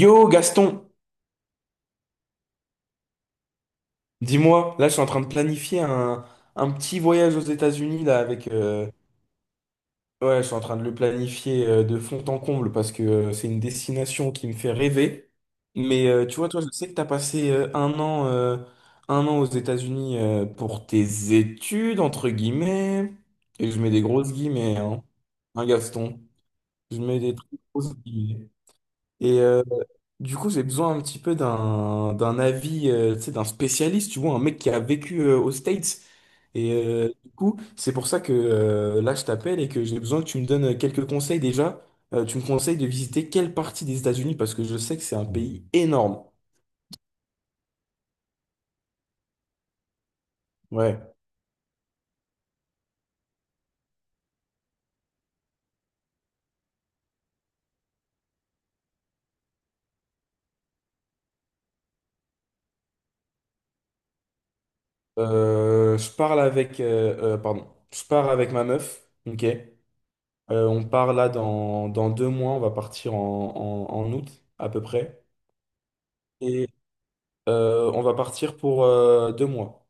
Yo Gaston, dis-moi, là je suis en train de planifier un petit voyage aux États-Unis là avec ouais, je suis en train de le planifier de fond en comble parce que c'est une destination qui me fait rêver. Mais tu vois, toi, je sais que tu as passé 1 an un an aux États-Unis pour tes études entre guillemets et je mets des grosses guillemets hein. Hein, Gaston, je mets des très grosses guillemets. Et euh, Du coup, j'ai besoin un petit peu d'un avis, tu sais, d'un spécialiste, tu vois, un mec qui a vécu aux States. Et du coup, c'est pour ça que là, je t'appelle et que j'ai besoin que tu me donnes quelques conseils déjà. Tu me conseilles de visiter quelle partie des États-Unis parce que je sais que c'est un pays énorme. Ouais. Pardon, je pars avec ma meuf. Ok. On part là dans 2 mois. On va partir en août à peu près. Et on va partir pour 2 mois.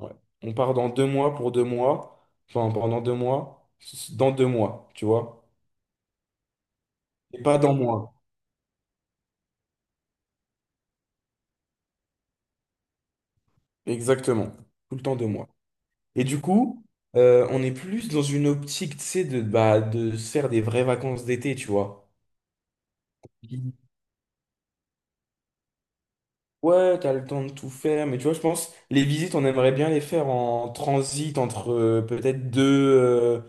Ouais. On part dans 2 mois pour 2 mois. Enfin, pendant 2 mois, dans 2 mois, tu vois. Et pas dans mois. Exactement. Tout le temps 2 mois. Et du coup, on est plus dans une optique, tu sais, de, bah, de se faire des vraies vacances d'été, tu vois. Mhm. Ouais, t'as le temps de tout faire, mais tu vois, je pense, les visites, on aimerait bien les faire en transit entre peut-être deux, euh,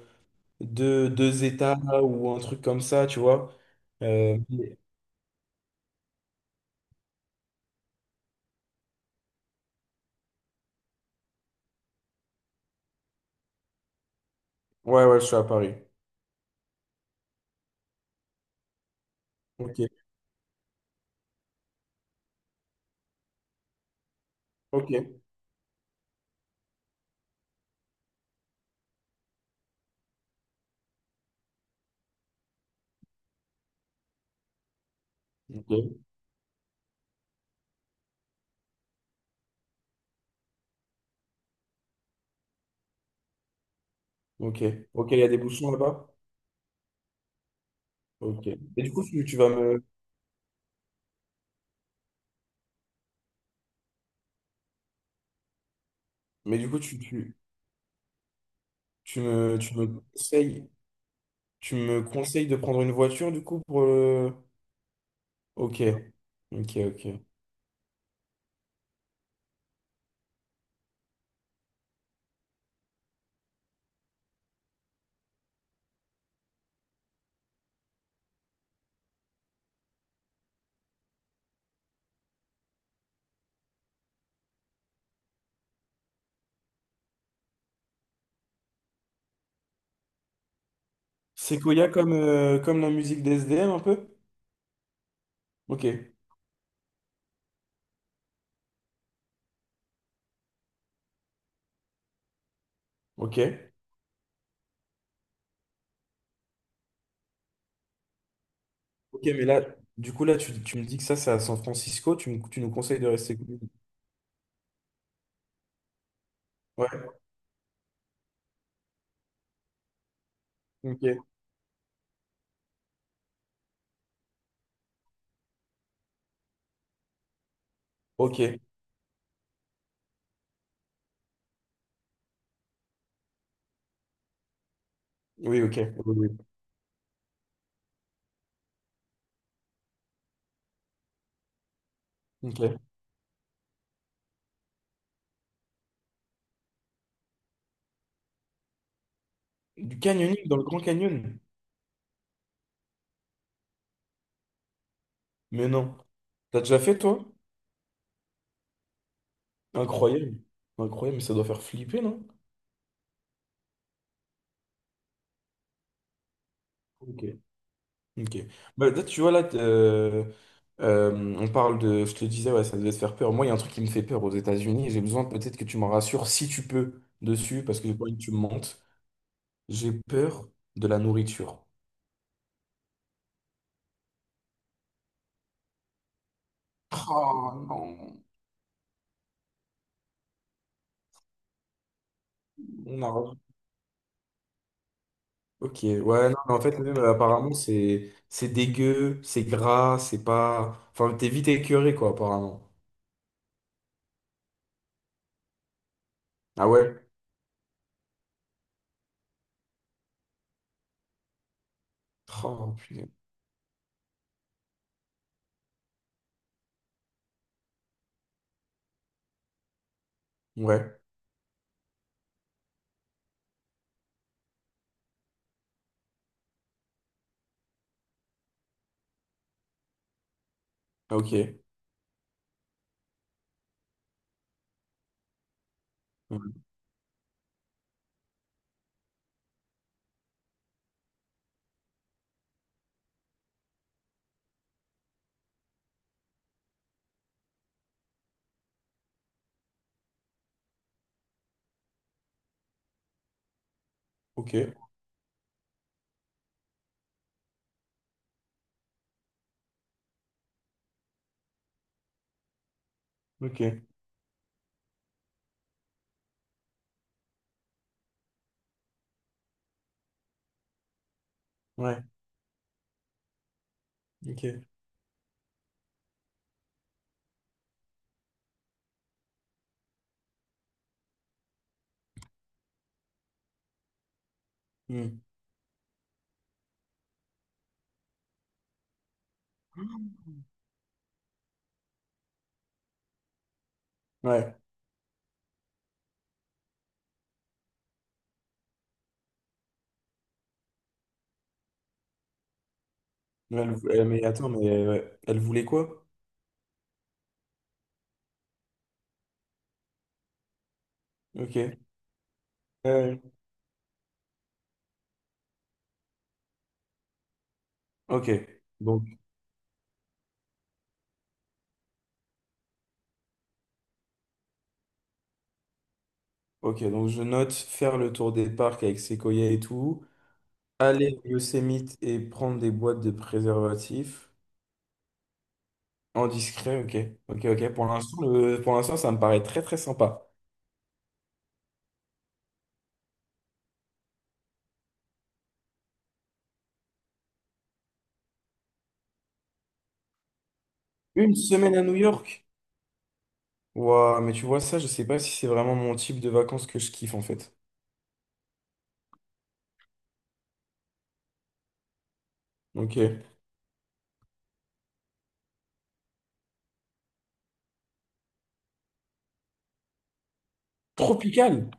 deux, 2 États ou un truc comme ça, tu vois. Euh, mais- ouais, ouais, je suis à Paris. Ok, ok. Ok. Ok, ok, il y a des bouchons là-bas. Ok. Et du coup, tu vas me. Mais du coup, tu me, tu me conseilles, tu me conseilles de prendre une voiture, du coup, pour le. Ok, ok, ok. C'est Koya comme, comme la musique des SDM un peu? Ok, ok. Ok, mais là, du coup, là, tu me dis que ça, c'est à San Francisco, tu nous conseilles de rester. Cool. Ouais, ok, ok. Oui, ok. Oui, oui. Ok. Du canyoning dans le Grand Canyon? Mais non. T'as déjà fait, toi? Incroyable. Incroyable, mais ça doit faire flipper, non? Ok. Ok. Bah, là, tu vois, on parle de. Je te disais, ouais, ça devait te faire peur. Moi, il y a un truc qui me fait peur aux États-Unis. J'ai besoin peut-être que tu m'en rassures si tu peux dessus, parce que j'ai pas envie que tu me mentes. J'ai peur de la nourriture. Oh non, on a. Ok, ouais, non, mais en fait, même apparemment, c'est dégueu, c'est gras, c'est pas. Enfin, t'es vite écœuré, quoi, apparemment. Ah ouais? Oh putain. Ouais, ah, ok. Ouais. Ok. Ok, ouais, ok. Hmm. Ouais, mais, mais attends, ouais. Elle voulait quoi? Ok. Euh, ok, donc, ok, donc je note faire le tour des parcs avec Sequoia et tout, aller au Yosemite et prendre des boîtes de préservatifs en discret, ok, ok, ok. Pour l'instant, pour l'instant, ça me paraît très très sympa. 1 semaine à New York? Waouh, mais tu vois ça, je sais pas si c'est vraiment mon type de vacances que je kiffe en fait. Ok. Tropical?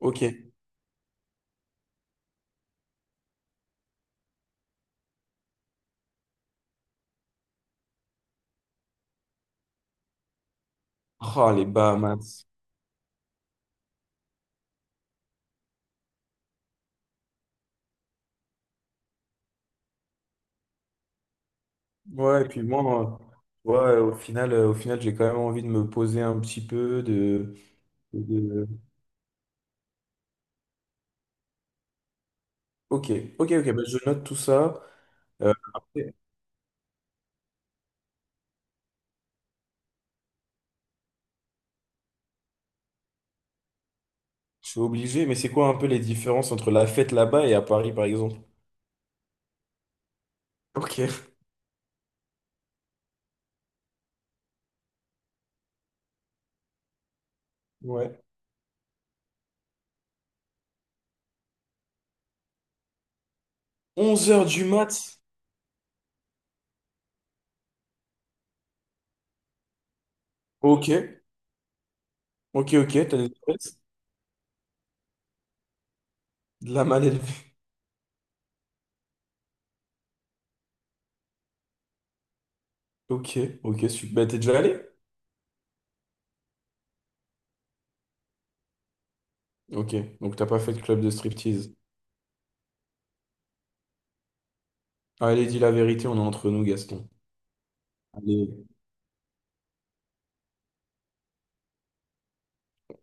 Ok. Ah les Bahamas. Ouais, et puis moi, ouais, au final, j'ai quand même envie de me poser un petit peu, de- ok, ok, ok, bah, je note tout ça. Après, je suis obligé, mais c'est quoi un peu les différences entre la fête là-bas et à Paris, par exemple? Ok, ouais. 11 heures du mat? Ok, ok, ok, t'as des stress? De la mal élevée. Ok, ok, super. Bah, t'es déjà allé? Ok, donc t'as pas fait de club de striptease. Allez, dis la vérité, on est entre nous, Gaston. Allez.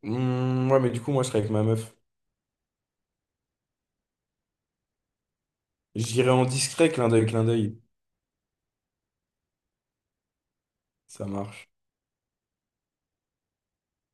Hmm, ouais, mais du coup, moi, je serais avec ma meuf. J'irai en discret, clin d'œil, clin d'œil. Ça marche.